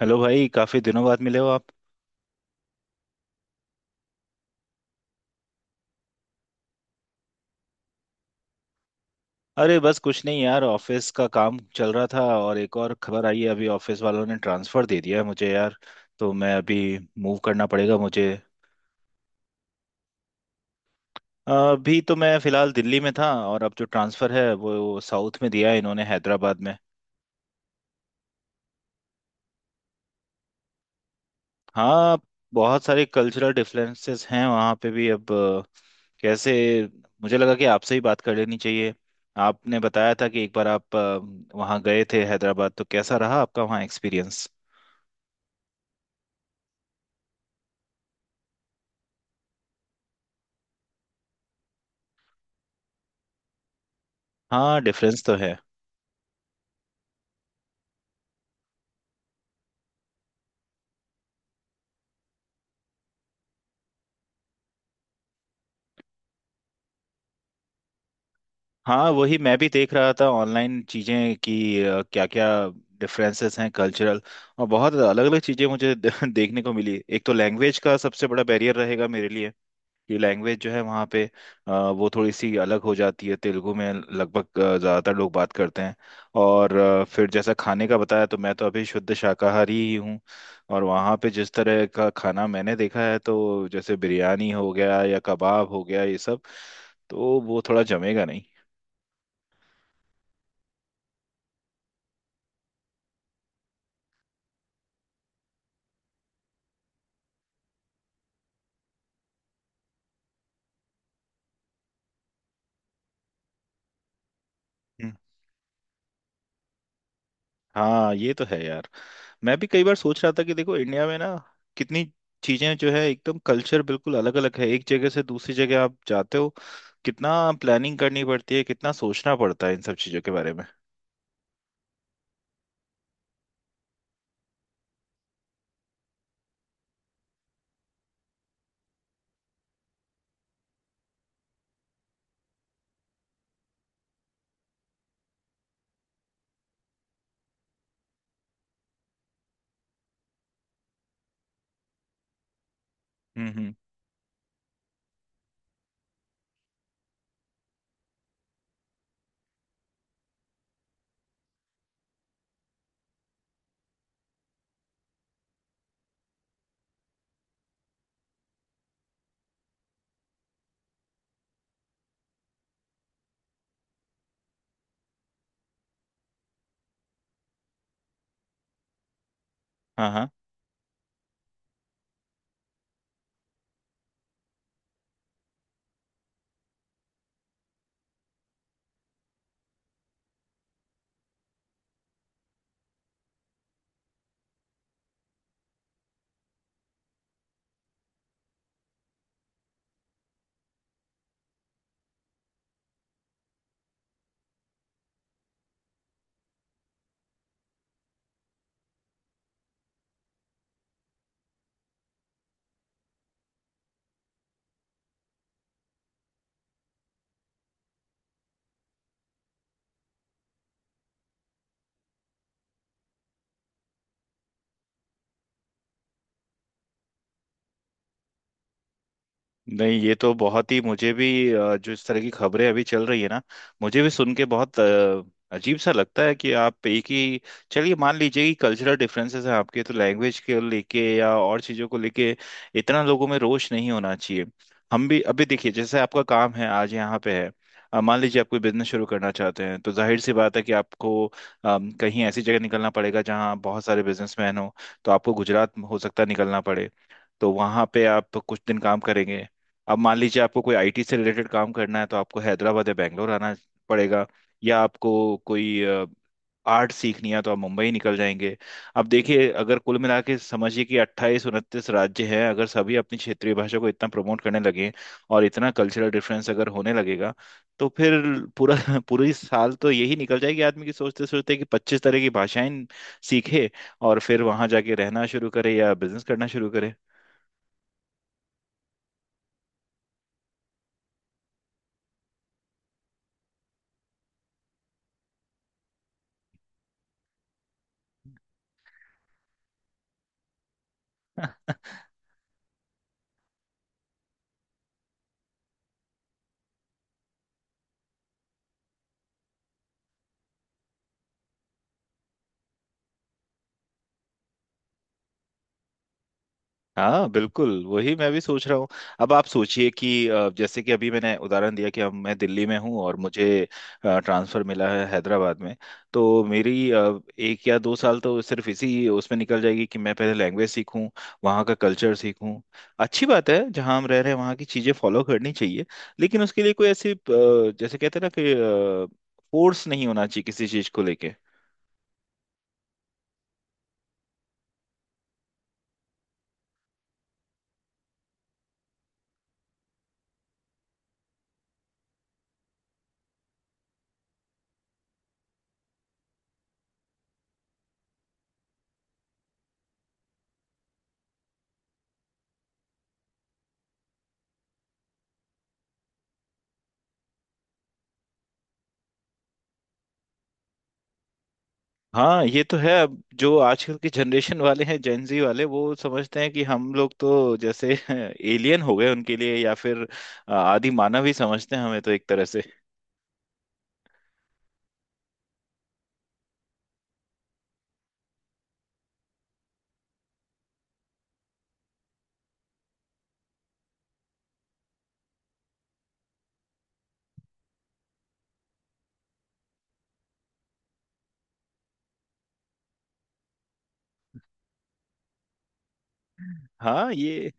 Hello भाई, काफी दिनों बाद मिले हो आप। अरे बस कुछ नहीं यार, ऑफिस का काम चल रहा था। और एक और खबर आई है, अभी ऑफिस वालों ने ट्रांसफर दे दिया है मुझे यार। तो मैं अभी मूव करना पड़ेगा मुझे। अभी तो मैं फिलहाल दिल्ली में था, और अब जो ट्रांसफर है वो साउथ में दिया है इन्होंने, हैदराबाद में। हाँ, बहुत सारे कल्चरल डिफरेंसेस हैं वहाँ पे भी अब। कैसे, मुझे लगा कि आपसे ही बात कर लेनी चाहिए। आपने बताया था कि एक बार आप वहाँ गए थे हैदराबाद, तो कैसा रहा आपका वहाँ एक्सपीरियंस। हाँ, डिफरेंस तो है। हाँ, वही मैं भी देख रहा था ऑनलाइन चीज़ें कि क्या क्या डिफरेंसेस हैं कल्चरल, और बहुत अलग अलग चीज़ें मुझे देखने को मिली। एक तो लैंग्वेज का सबसे बड़ा बैरियर रहेगा मेरे लिए। कि लैंग्वेज जो है वहाँ पे वो थोड़ी सी अलग हो जाती है, तेलुगु में लगभग ज़्यादातर लोग बात करते हैं। और फिर जैसा खाने का बताया, तो मैं तो अभी शुद्ध शाकाहारी ही हूँ। और वहाँ पे जिस तरह का खाना मैंने देखा है, तो जैसे बिरयानी हो गया या कबाब हो गया ये सब, तो वो थोड़ा जमेगा नहीं। हाँ, ये तो है यार। मैं भी कई बार सोच रहा था कि देखो, इंडिया में ना कितनी चीजें जो है एकदम कल्चर बिल्कुल अलग अलग है, एक जगह से दूसरी जगह आप जाते हो। कितना प्लानिंग करनी पड़ती है, कितना सोचना पड़ता है इन सब चीजों के बारे में। हम्म, हम्म। हाँ, हाँ। नहीं, ये तो बहुत ही मुझे भी। जो इस तरह की खबरें अभी चल रही है ना, मुझे भी सुन के बहुत अजीब सा लगता है कि आप एक ही। चलिए, मान लीजिए कि कल्चरल डिफरेंसेस हैं आपके, तो लैंग्वेज के लेके या और चीज़ों को लेके, इतना लोगों में रोष नहीं होना चाहिए। हम भी अभी देखिए, जैसे आपका काम है आज यहाँ पे है। मान लीजिए आप कोई बिजनेस शुरू करना चाहते हैं, तो जाहिर सी बात है कि आपको कहीं ऐसी जगह निकलना पड़ेगा जहाँ बहुत सारे बिजनेसमैन हो। तो आपको गुजरात हो सकता है निकलना पड़े, तो वहां पे आप कुछ दिन काम करेंगे। अब मान लीजिए आपको कोई आईटी से रिलेटेड काम करना है, तो आपको हैदराबाद या बैंगलोर आना पड़ेगा। या आपको कोई आर्ट सीखनी है, तो आप मुंबई निकल जाएंगे। अब देखिए, अगर कुल मिला के समझिए कि 28 29 राज्य हैं, अगर सभी अपनी क्षेत्रीय भाषा को इतना प्रमोट करने लगे और इतना कल्चरल डिफरेंस अगर होने लगेगा, तो फिर पूरा पूरी साल तो यही निकल जाएगी आदमी की, सोचते सोचते कि 25 तरह की भाषाएं सीखे और फिर वहां जाके रहना शुरू करे या बिजनेस करना शुरू करे। हाँ, बिल्कुल वही मैं भी सोच रहा हूँ। अब आप सोचिए कि जैसे कि अभी मैंने उदाहरण दिया कि हम मैं दिल्ली में हूँ और मुझे ट्रांसफर मिला है हैदराबाद में। तो मेरी 1 या 2 साल तो सिर्फ इसी उसमें निकल जाएगी कि मैं पहले लैंग्वेज सीखूँ, वहाँ का कल्चर सीखूँ। अच्छी बात है जहाँ हम रह रहे हैं वहाँ की चीज़ें फॉलो करनी चाहिए। लेकिन उसके लिए कोई ऐसी जैसे कहते हैं ना कि फोर्स नहीं होना चाहिए किसी चीज़ को लेके। हाँ, ये तो है। अब जो आजकल के जनरेशन वाले हैं, जेनजी वाले, वो समझते हैं कि हम लोग तो जैसे एलियन हो गए उनके लिए, या फिर आदि मानव ही समझते हैं हमें तो एक तरह से। हाँ, ये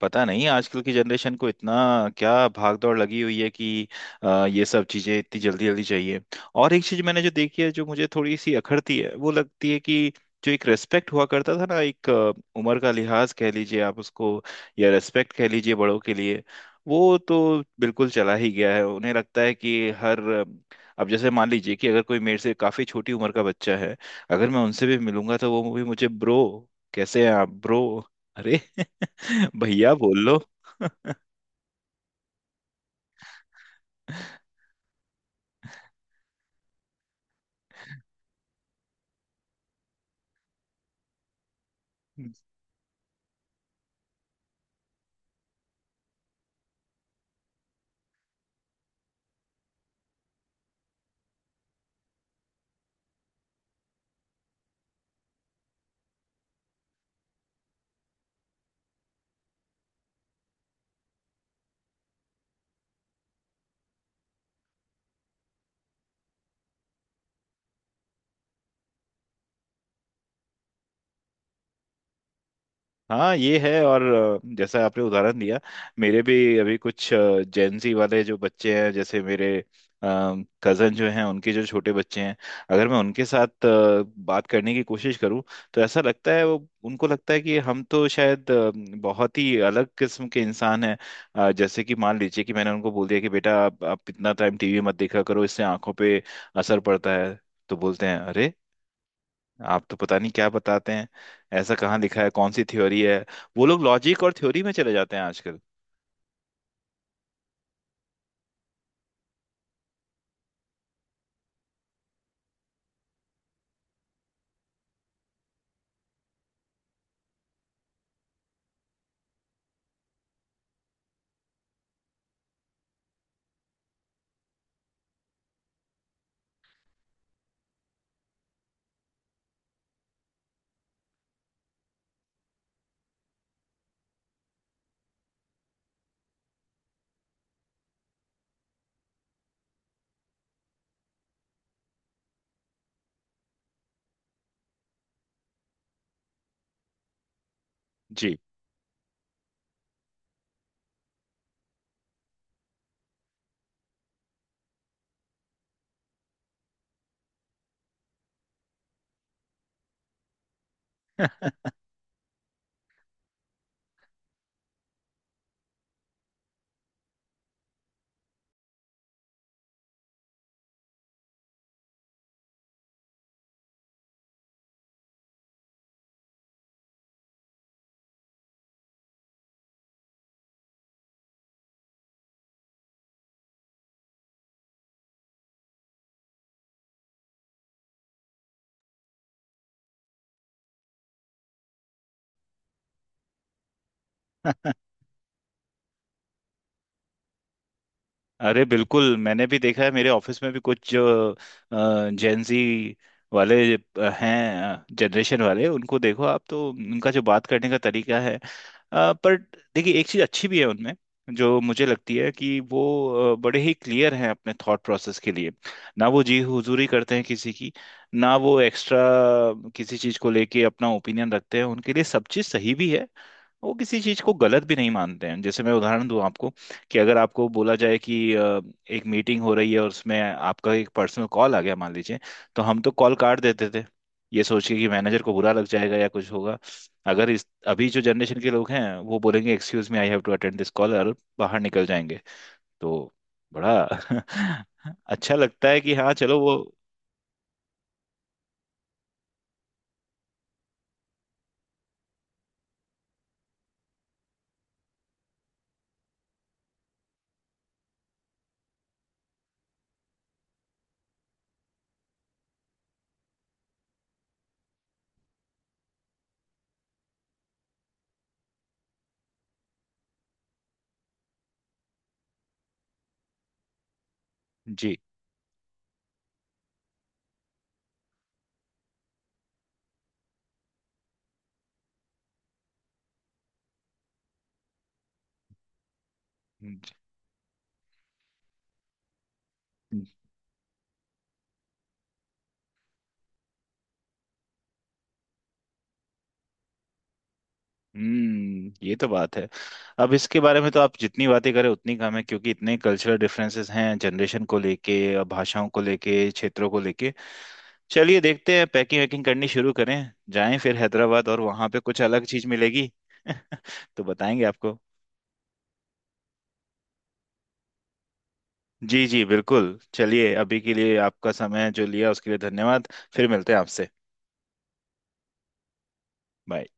पता नहीं आजकल की जनरेशन को इतना क्या भाग दौड़ लगी हुई है कि ये सब चीजें इतनी जल्दी जल्दी चाहिए। और एक चीज मैंने जो देखी है जो मुझे थोड़ी सी अखरती है, वो लगती है कि जो एक रेस्पेक्ट हुआ करता था ना, एक उम्र का लिहाज कह लीजिए आप उसको, या रेस्पेक्ट कह लीजिए बड़ों के लिए, वो तो बिल्कुल चला ही गया है। उन्हें लगता है कि हर। अब जैसे मान लीजिए कि अगर कोई मेरे से काफी छोटी उम्र का बच्चा है, अगर मैं उनसे भी मिलूंगा तो वो भी मुझे ब्रो, कैसे हैं आप ब्रो। अरे भैया बोल लो। हाँ, ये है। और जैसा आपने उदाहरण दिया, मेरे भी अभी कुछ जेनजी वाले जो बच्चे हैं, जैसे मेरे कजन जो हैं उनके जो छोटे बच्चे हैं, अगर मैं उनके साथ बात करने की कोशिश करूं, तो ऐसा लगता है वो, उनको लगता है कि हम तो शायद बहुत ही अलग किस्म के इंसान हैं। जैसे कि मान लीजिए कि मैंने उनको बोल दिया कि बेटा आप इतना टाइम टीवी मत देखा करो, इससे आंखों पे असर पड़ता है। तो बोलते हैं, अरे आप तो पता नहीं क्या बताते हैं, ऐसा कहाँ लिखा है, कौन सी थ्योरी है। वो लोग लॉजिक और थ्योरी में चले जाते हैं आजकल। जी। अरे बिल्कुल, मैंने भी देखा है मेरे ऑफिस में भी कुछ जो जेंजी वाले हैं जनरेशन वाले, उनको देखो आप तो उनका जो बात करने का तरीका है पर देखिए, एक चीज़ अच्छी भी है उनमें, जो मुझे लगती है कि वो बड़े ही क्लियर हैं अपने थॉट प्रोसेस के लिए। ना वो जी हुजूरी करते हैं किसी की, ना वो एक्स्ट्रा किसी चीज़ को लेके अपना ओपिनियन रखते हैं। उनके लिए सब चीज़ सही भी है, वो किसी चीज को गलत भी नहीं मानते हैं। जैसे मैं उदाहरण दूं आपको, कि अगर आपको बोला जाए कि एक मीटिंग हो रही है और उसमें आपका एक पर्सनल कॉल आ गया मान लीजिए, तो हम तो कॉल काट देते थे, ये सोच के कि मैनेजर को बुरा लग जाएगा या कुछ होगा। अगर इस अभी जो जनरेशन के लोग हैं वो बोलेंगे, excuse me I have to attend this call, और बाहर निकल जाएंगे। तो बड़ा अच्छा लगता है कि हाँ, चलो वो। जी। हम्म, ये तो बात है। अब इसके बारे में तो आप जितनी बातें करें उतनी कम है, क्योंकि इतने कल्चरल डिफरेंसेस हैं जनरेशन को लेके, भाषाओं को लेके, क्षेत्रों को लेके। चलिए, देखते हैं पैकिंग वैकिंग करनी शुरू करें, जाएं फिर हैदराबाद, और वहां पे कुछ अलग चीज मिलेगी तो बताएंगे आपको। जी जी, बिल्कुल। चलिए, अभी के लिए आपका समय जो लिया उसके लिए धन्यवाद। फिर मिलते हैं आपसे। बाय।